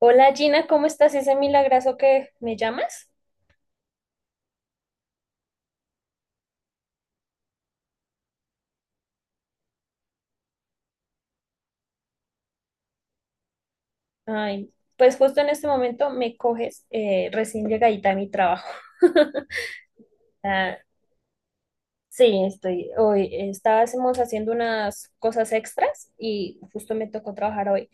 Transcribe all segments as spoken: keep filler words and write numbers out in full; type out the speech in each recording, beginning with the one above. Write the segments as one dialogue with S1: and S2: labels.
S1: Hola Gina, ¿cómo estás? Ese milagrazo que me llamas. Ay, pues justo en este momento me coges eh, recién llegadita a mi trabajo. Ah, sí, estoy hoy. Estábamos haciendo unas cosas extras y justo me tocó trabajar hoy.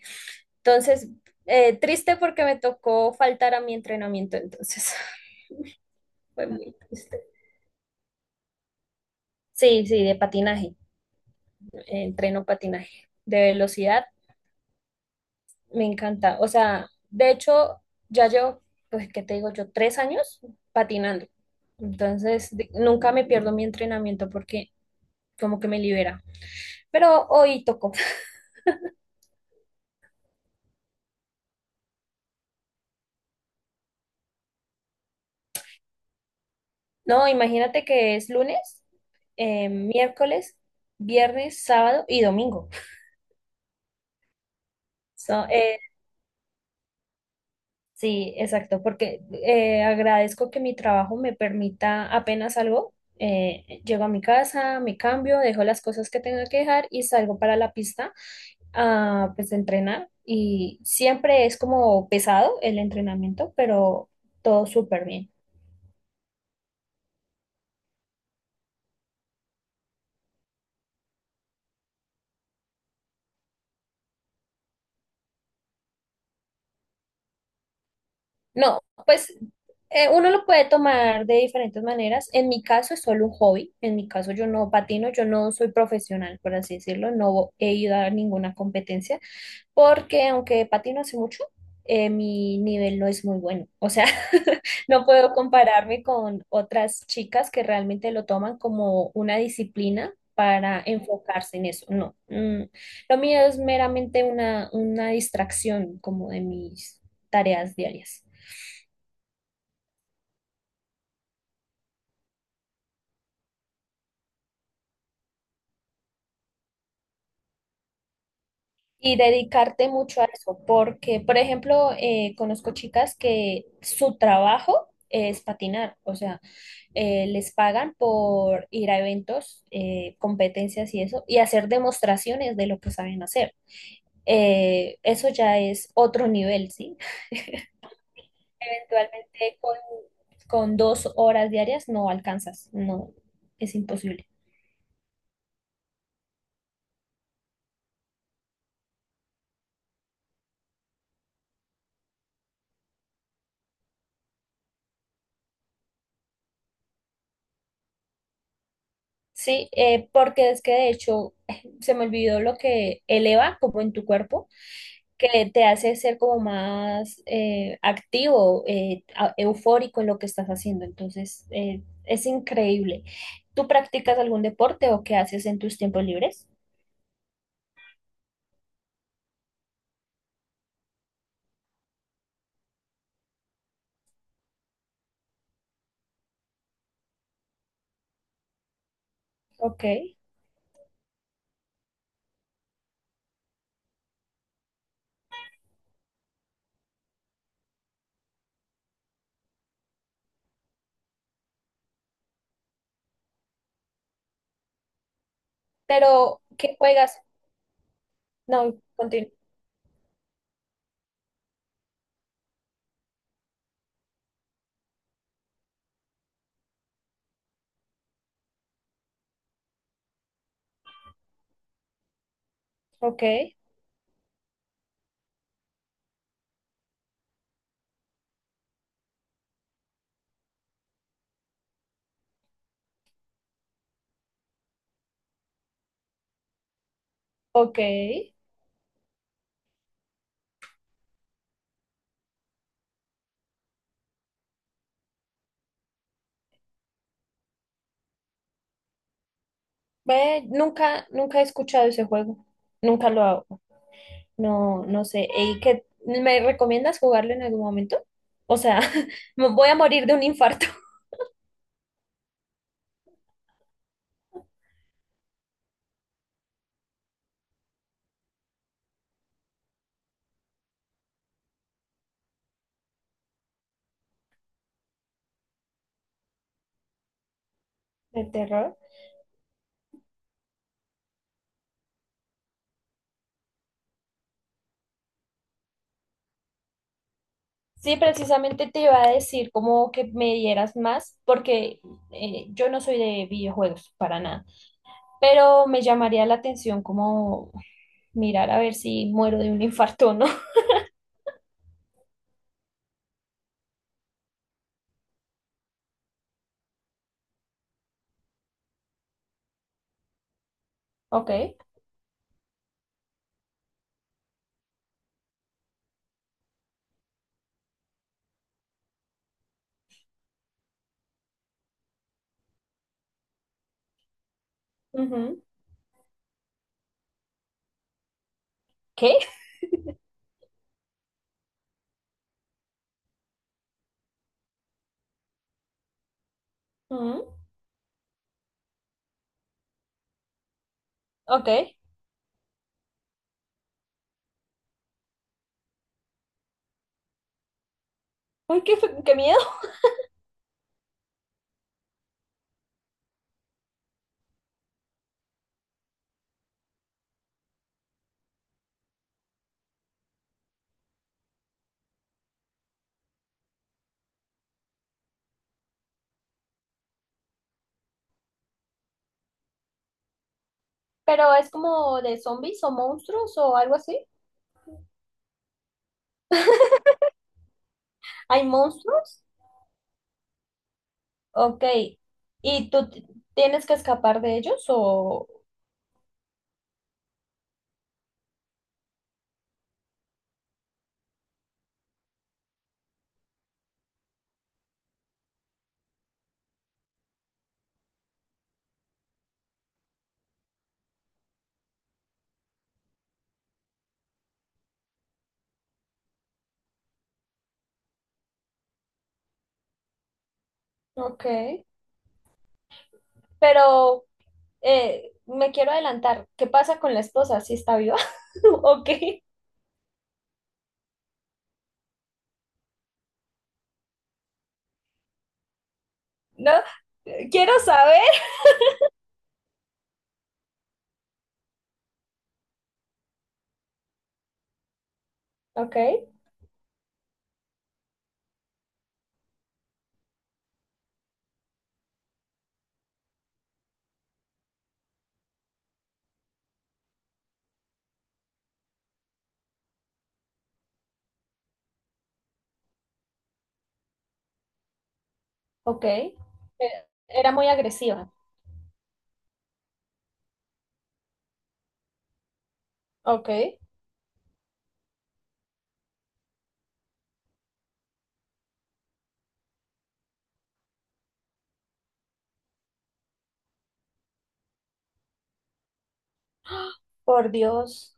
S1: Entonces, eh, triste porque me tocó faltar a mi entrenamiento, entonces fue muy triste. Sí, sí, de patinaje. eh, Entreno patinaje de velocidad. Me encanta. O sea, de hecho, ya llevo, pues, ¿qué te digo yo? Tres años patinando. Entonces, de- nunca me pierdo mi entrenamiento porque como que me libera. Pero hoy tocó. No, imagínate que es lunes, eh, miércoles, viernes, sábado y domingo. So, eh, Sí, exacto, porque eh, agradezco que mi trabajo me permita apenas algo. Eh, llego a mi casa, me cambio, dejo las cosas que tenga que dejar y salgo para la pista a pues entrenar. Y siempre es como pesado el entrenamiento, pero todo súper bien. No, pues eh, uno lo puede tomar de diferentes maneras. En mi caso es solo un hobby. En mi caso yo no patino, yo no soy profesional, por así decirlo. No he ido a ninguna competencia porque aunque patino hace mucho, eh, mi nivel no es muy bueno. O sea, no puedo compararme con otras chicas que realmente lo toman como una disciplina para enfocarse en eso. No, mm, lo mío es meramente una, una distracción como de mis tareas diarias. Y dedicarte mucho a eso, porque, por ejemplo, eh, conozco chicas que su trabajo es patinar, o sea, eh, les pagan por ir a eventos, eh, competencias y eso, y hacer demostraciones de lo que saben hacer. Eh, eso ya es otro nivel, ¿sí? Eventualmente con, con dos horas diarias no alcanzas, no, es imposible. Sí, eh, porque es que de hecho se me olvidó lo que eleva como en tu cuerpo, que te hace ser como más eh, activo, eh, a- eufórico en lo que estás haciendo. Entonces, eh, es increíble. ¿Tú practicas algún deporte o qué haces en tus tiempos libres? Ok. Pero, ¿qué juegas? No, continúa. Ok, ok. Ve, nunca, nunca he escuchado ese juego. Nunca lo hago. No, no sé. ¿Y qué? ¿Me recomiendas jugarlo en algún momento? O sea, me voy a morir de un infarto. ¿De terror? Sí, precisamente te iba a decir como que me dieras más, porque eh, yo no soy de videojuegos para nada, pero me llamaría la atención como mirar a ver si muero de un infarto o no. Ok. Ujú. ¿Qué? Ujú. Ok. Ay, qué, fe- qué miedo. Pero es como de zombies o monstruos o algo así. ¿Hay monstruos? Ok. ¿Y tú t- ¿Tienes que escapar de ellos o...? Ok. Pero eh, me quiero adelantar. ¿Qué pasa con la esposa? ¿Si está viva? Ok. No, eh, quiero saber. Ok. Ok. Eh, era muy agresiva. Ok. Por Dios.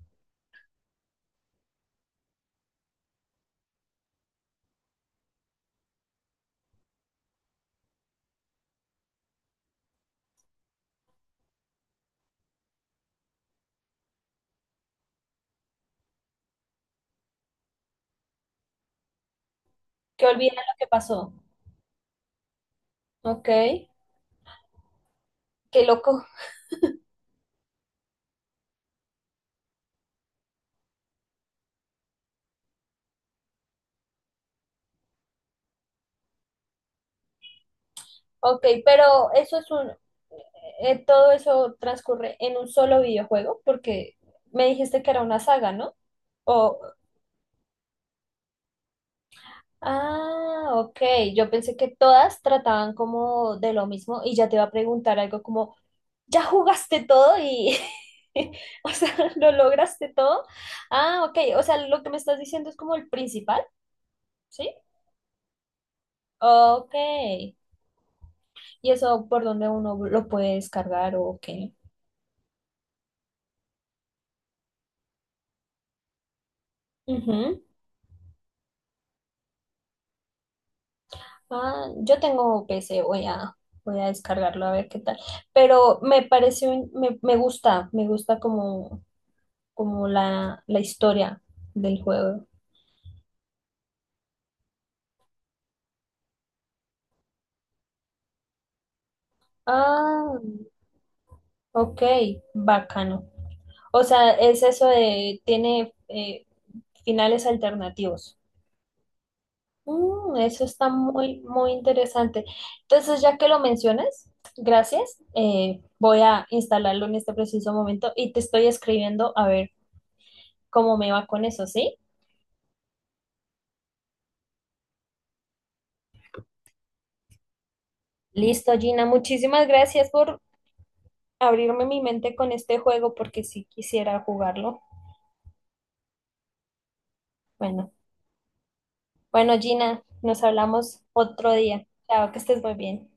S1: Que olvidan lo que pasó. Ok, qué loco. Ok, pero eso es un... eh, eh, todo eso transcurre en un solo videojuego porque me dijiste que era una saga, ¿no? O... Ah, ok. Yo pensé que todas trataban como de lo mismo y ya te iba a preguntar algo como, ¿ya jugaste todo y... O sea, ¿lo lograste todo? Ah, ok. O sea, lo que me estás diciendo es como el principal, ¿sí? Ok. ¿Y eso por dónde uno lo puede descargar o qué? Ujú. Ah, yo tengo P C, voy a, voy a descargarlo a ver qué tal. Pero me parece, un- me, me gusta, me gusta como, como la, la historia del juego. Ah, ok, bacano. O sea, es eso de, tiene eh, finales alternativos. Mm, eso está muy, muy interesante. Entonces, ya que lo mencionas, gracias. Eh, voy a instalarlo en este preciso momento y te estoy escribiendo a ver cómo me va con eso, ¿sí? Listo, Gina. Muchísimas gracias por abrirme mi mente con este juego porque sí quisiera jugarlo. Bueno, bueno, Gina, nos hablamos otro día. Chao, que estés muy bien.